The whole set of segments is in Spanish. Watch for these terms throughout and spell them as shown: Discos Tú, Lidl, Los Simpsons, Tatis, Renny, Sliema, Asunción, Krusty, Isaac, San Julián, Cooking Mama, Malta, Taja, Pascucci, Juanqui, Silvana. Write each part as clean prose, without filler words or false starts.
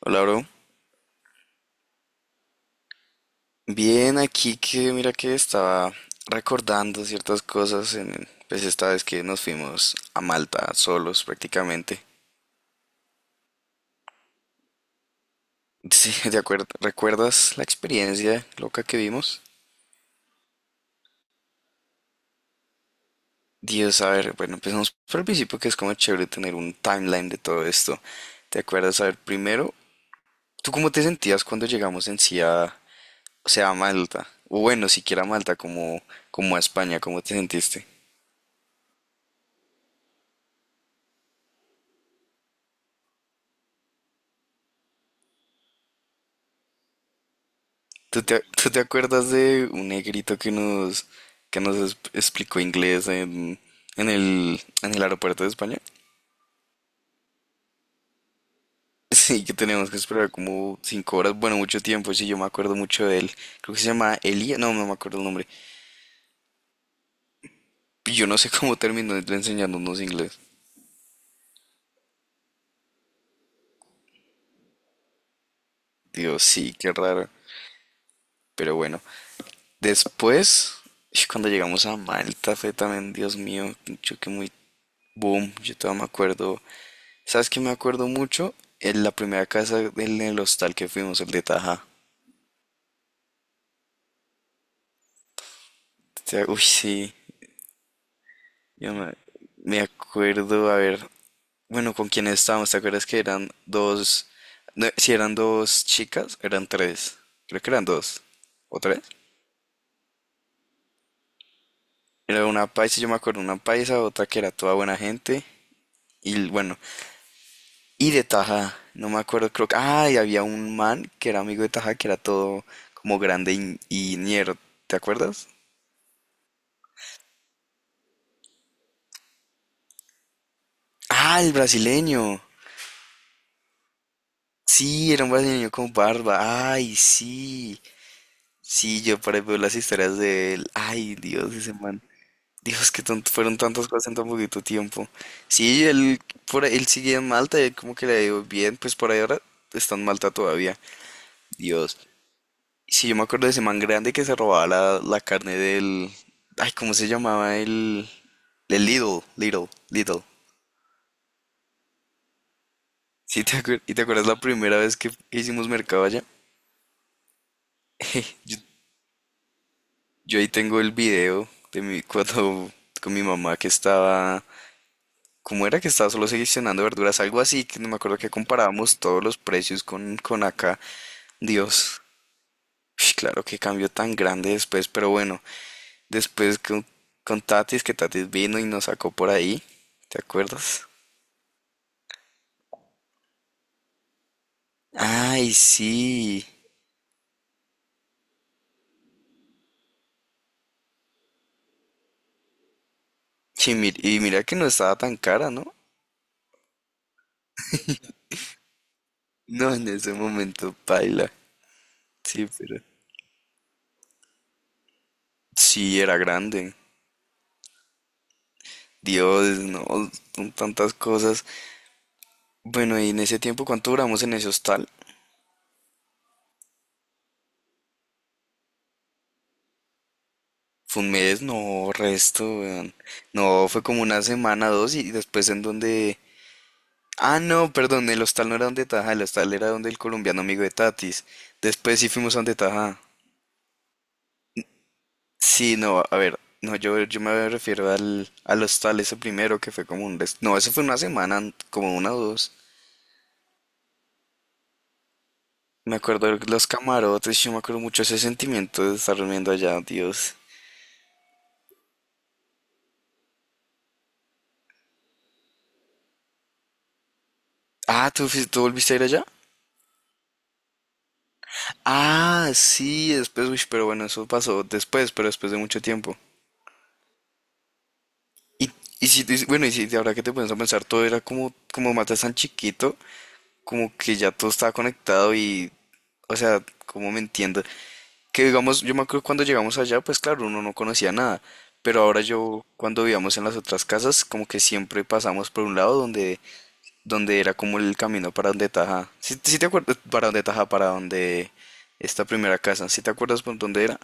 Hola, bro. Bien, aquí que mira que estaba recordando ciertas cosas pues esta vez que nos fuimos a Malta solos prácticamente. Sí, de acuerdo. ¿Recuerdas la experiencia loca que vimos? Dios, a ver, bueno, empezamos por el principio que es como chévere tener un timeline de todo esto. ¿Te acuerdas? A ver, primero, ¿tú cómo te sentías cuando llegamos en sí a, o sea, a Malta? O bueno, siquiera a Malta, como a España, ¿cómo te sentiste? ¿Tú te acuerdas de un negrito que nos explicó inglés en el aeropuerto de España? Sí, que teníamos que esperar como 5 horas, bueno, mucho tiempo, sí, yo me acuerdo mucho de él. Creo que se llama Elia, no, no me acuerdo el nombre. Y yo no sé cómo terminó enseñándonos inglés. Dios, sí, qué raro. Pero bueno, después, y cuando llegamos a Malta, fue también, Dios mío, un choque muy boom, yo todavía me acuerdo. ¿Sabes qué me acuerdo mucho? En la primera casa del el hostal que fuimos, el de Taja. O sea, uy, sí, yo me acuerdo, a ver, bueno, ¿con quién estábamos? ¿Te acuerdas que eran dos, no, si eran dos chicas, eran tres, creo que eran dos o tres? Era una paisa, yo me acuerdo, una paisa, otra que era toda buena gente, y bueno, y de Taja, no me acuerdo, creo que, ah, y había un man que era amigo de Taja, que era todo como grande y ñero, ¿te acuerdas? Ah, el brasileño. Sí, era un brasileño con barba. Ay, sí. Sí, yo por ahí veo las historias de él. Ay, Dios, ese man. Dios, que tanto, fueron tantas cosas en tan poquito tiempo. Sí, él, él sigue en Malta, y como que le ha bien, pues por ahí ahora está en Malta todavía. Dios. Sí, yo me acuerdo de ese man grande que se robaba la carne del... Ay, ¿cómo se llamaba el... El Lidl, Lidl, Lidl. Sí, ¿y te acuerdas la primera vez que hicimos mercado allá? Yo Yo ahí tengo el video de mi cuando con mi mamá que estaba, ¿cómo era que estaba solo seleccionando verduras? Algo así, que no me acuerdo que comparábamos todos los precios con acá. Dios, uy, claro que cambio tan grande después, pero bueno, después con Tatis, que Tatis vino y nos sacó por ahí, ¿te acuerdas? Ay, sí. Sí, y mira que no estaba tan cara, ¿no? No, en ese momento, paila. Sí, pero... sí, era grande. Dios, no, son tantas cosas. Bueno, y en ese tiempo, ¿cuánto duramos en ese hostal? Fue un mes, no, resto, weón. No, fue como una semana, dos, y después en donde... Ah, no, perdón, el hostal no era donde Taja, el hostal era donde el colombiano amigo de Tatis. Después sí fuimos a donde Taja. Sí, no, a ver, no, yo me refiero al hostal ese primero, que fue como no, eso fue una semana, como una o dos. Me acuerdo de los camarotes, yo me acuerdo mucho ese sentimiento de estar durmiendo allá, Dios. Ah, ¿tú, tú volviste a ir allá? Ah, sí, después, uy, pero bueno, eso pasó después, pero después de mucho tiempo. Y bueno, y si de ahora que te pones a pensar, todo era como, como matas tan chiquito, como que ya todo estaba conectado y, o sea, como me entiendo. Que digamos, yo me acuerdo cuando llegamos allá, pues claro, uno no conocía nada, pero ahora yo, cuando vivíamos en las otras casas, como que siempre pasamos por un lado donde era como el camino para donde Taja. ¿Si te acuerdas? Para donde Taja, para donde esta primera casa. ¿Si te acuerdas por dónde era?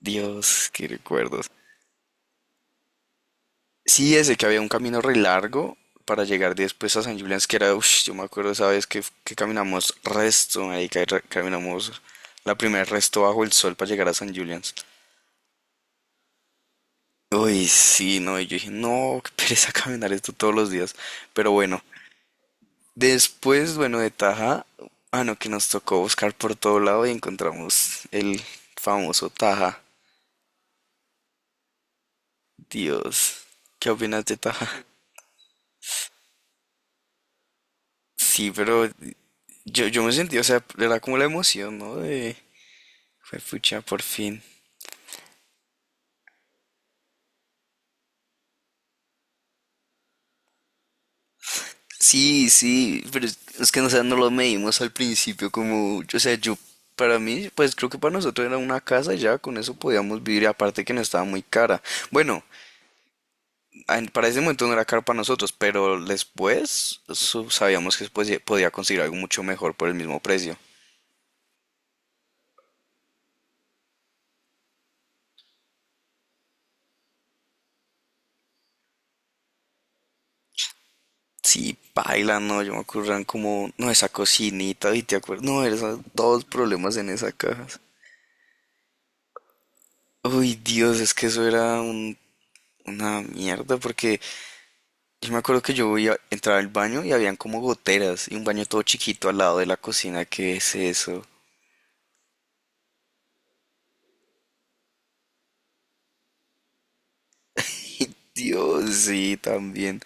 Dios, qué recuerdos. Sí, ese que había un camino re largo para llegar después a San Julián, que era, uff, yo me acuerdo esa vez que caminamos resto, ahí que caminamos la primera resto bajo el sol para llegar a San Julián. Uy, sí, no, y yo dije, no, qué pereza caminar esto todos los días. Pero bueno, después, bueno, de Taja, ah, no, que nos tocó buscar por todo lado y encontramos el famoso Taja. Dios, ¿qué opinas de Taja? Sí, pero yo me sentí, o sea, era como la emoción, ¿no? De, fue pucha, por fin. Sí, sí, pero es que no, o sea, no lo medimos al principio como, o sea, yo, para mí, pues creo que para nosotros era una casa y ya con eso podíamos vivir, y aparte que no estaba muy cara. Bueno, para ese momento no era caro para nosotros, pero después sabíamos que después podía conseguir algo mucho mejor por el mismo precio. Sí, paila, no, yo me acuerdo como, no, esa cocinita, y te acuerdas, no, eran dos problemas en esa caja. Uy, Dios, es que eso era una mierda, porque yo me acuerdo que yo iba, entraba al baño y habían como goteras, y un baño todo chiquito al lado de la cocina, ¿qué es eso? Dios, sí, también.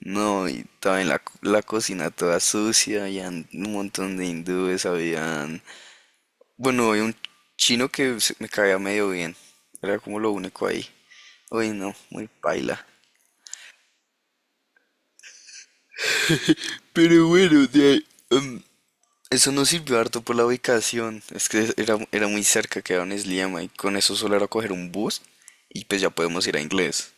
No, y también la cocina toda sucia, había un montón de hindúes, habían... bueno, había un chino que me caía medio bien, era como lo único ahí. Uy, no, muy paila. Pero bueno, de ahí, eso nos sirvió harto por la ubicación, es que era, era muy cerca, quedaba en Sliema, y con eso solo era coger un bus, y pues ya podemos ir a inglés.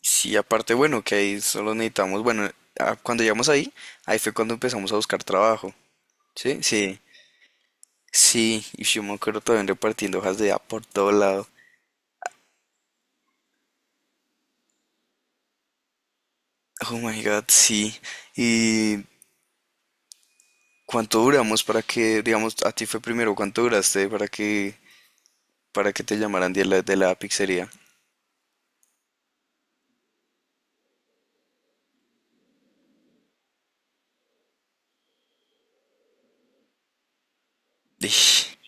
Sí, aparte, bueno, que ahí solo necesitamos, bueno, ah, cuando llegamos ahí, ahí fue cuando empezamos a buscar trabajo. ¿Sí? Sí, sí, y yo me acuerdo también repartiendo hojas de A por todo lado. Oh my God, sí. ¿Y cuánto duramos para que, digamos, a ti fue primero, cuánto duraste para que te llamaran de la pizzería? Ish,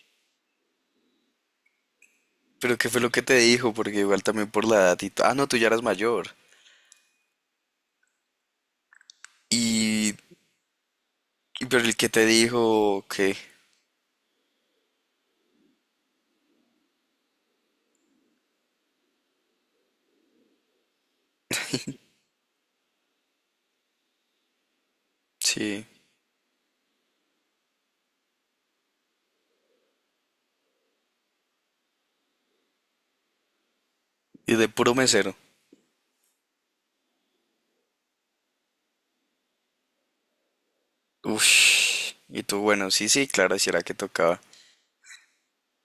pero qué fue lo que te dijo, porque igual también por la edad ah, no, tú ya eras mayor. Y... Pero el que te dijo que... sí, y de puro mesero. Ush, y tú, bueno, sí, sí, claro, si era que tocaba.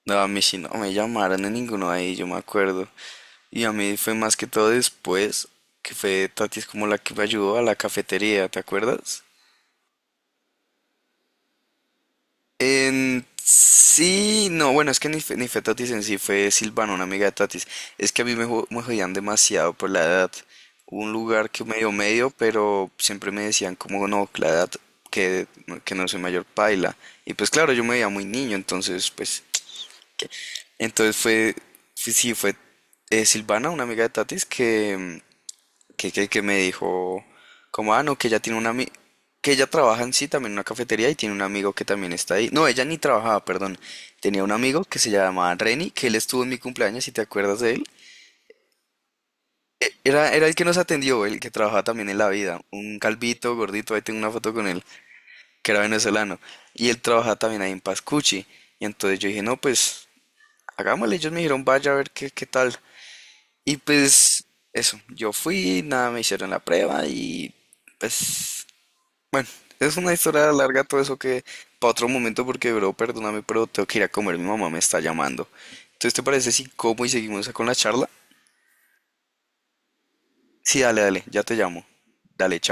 No, a mí sí no me llamaron en ninguno de ahí, yo me acuerdo. Y a mí fue más que todo después, que fue Tati es como la que me ayudó a la cafetería, ¿te acuerdas? En sí, no, bueno, es que ni fue Tatis en sí, fue Silvana, una amiga de Tatis. Es que a mí me, me jodían demasiado por la edad. Hubo un lugar que medio medio, pero siempre me decían como no, la edad que, que no soy mayor paila. Y pues claro, yo me veía muy niño, entonces pues entonces sí, fue Silvana, una amiga de Tatis, que, mm, que me dijo, como, ah, no, que ella tiene que ella trabaja en sí también en una cafetería y tiene un amigo que también está ahí. No, ella ni trabajaba, perdón. Tenía un amigo que se llamaba Renny, que él estuvo en mi cumpleaños, si te acuerdas de él. Era, era el que nos atendió, el que trabajaba también en la vida. Un calvito, gordito, ahí tengo una foto con él, que era venezolano. Y él trabajaba también ahí en Pascucci. Y entonces yo dije, no, pues hagámosle. Ellos me dijeron, vaya a ver qué, qué tal. Y pues eso, yo fui, nada, me hicieron la prueba y pues bueno, es una historia larga todo eso que para otro momento porque bro, perdóname, pero tengo que ir a comer, mi mamá me está llamando. Entonces, ¿te parece si como y seguimos con la charla? Sí, dale, dale, ya te llamo. Dale, chao.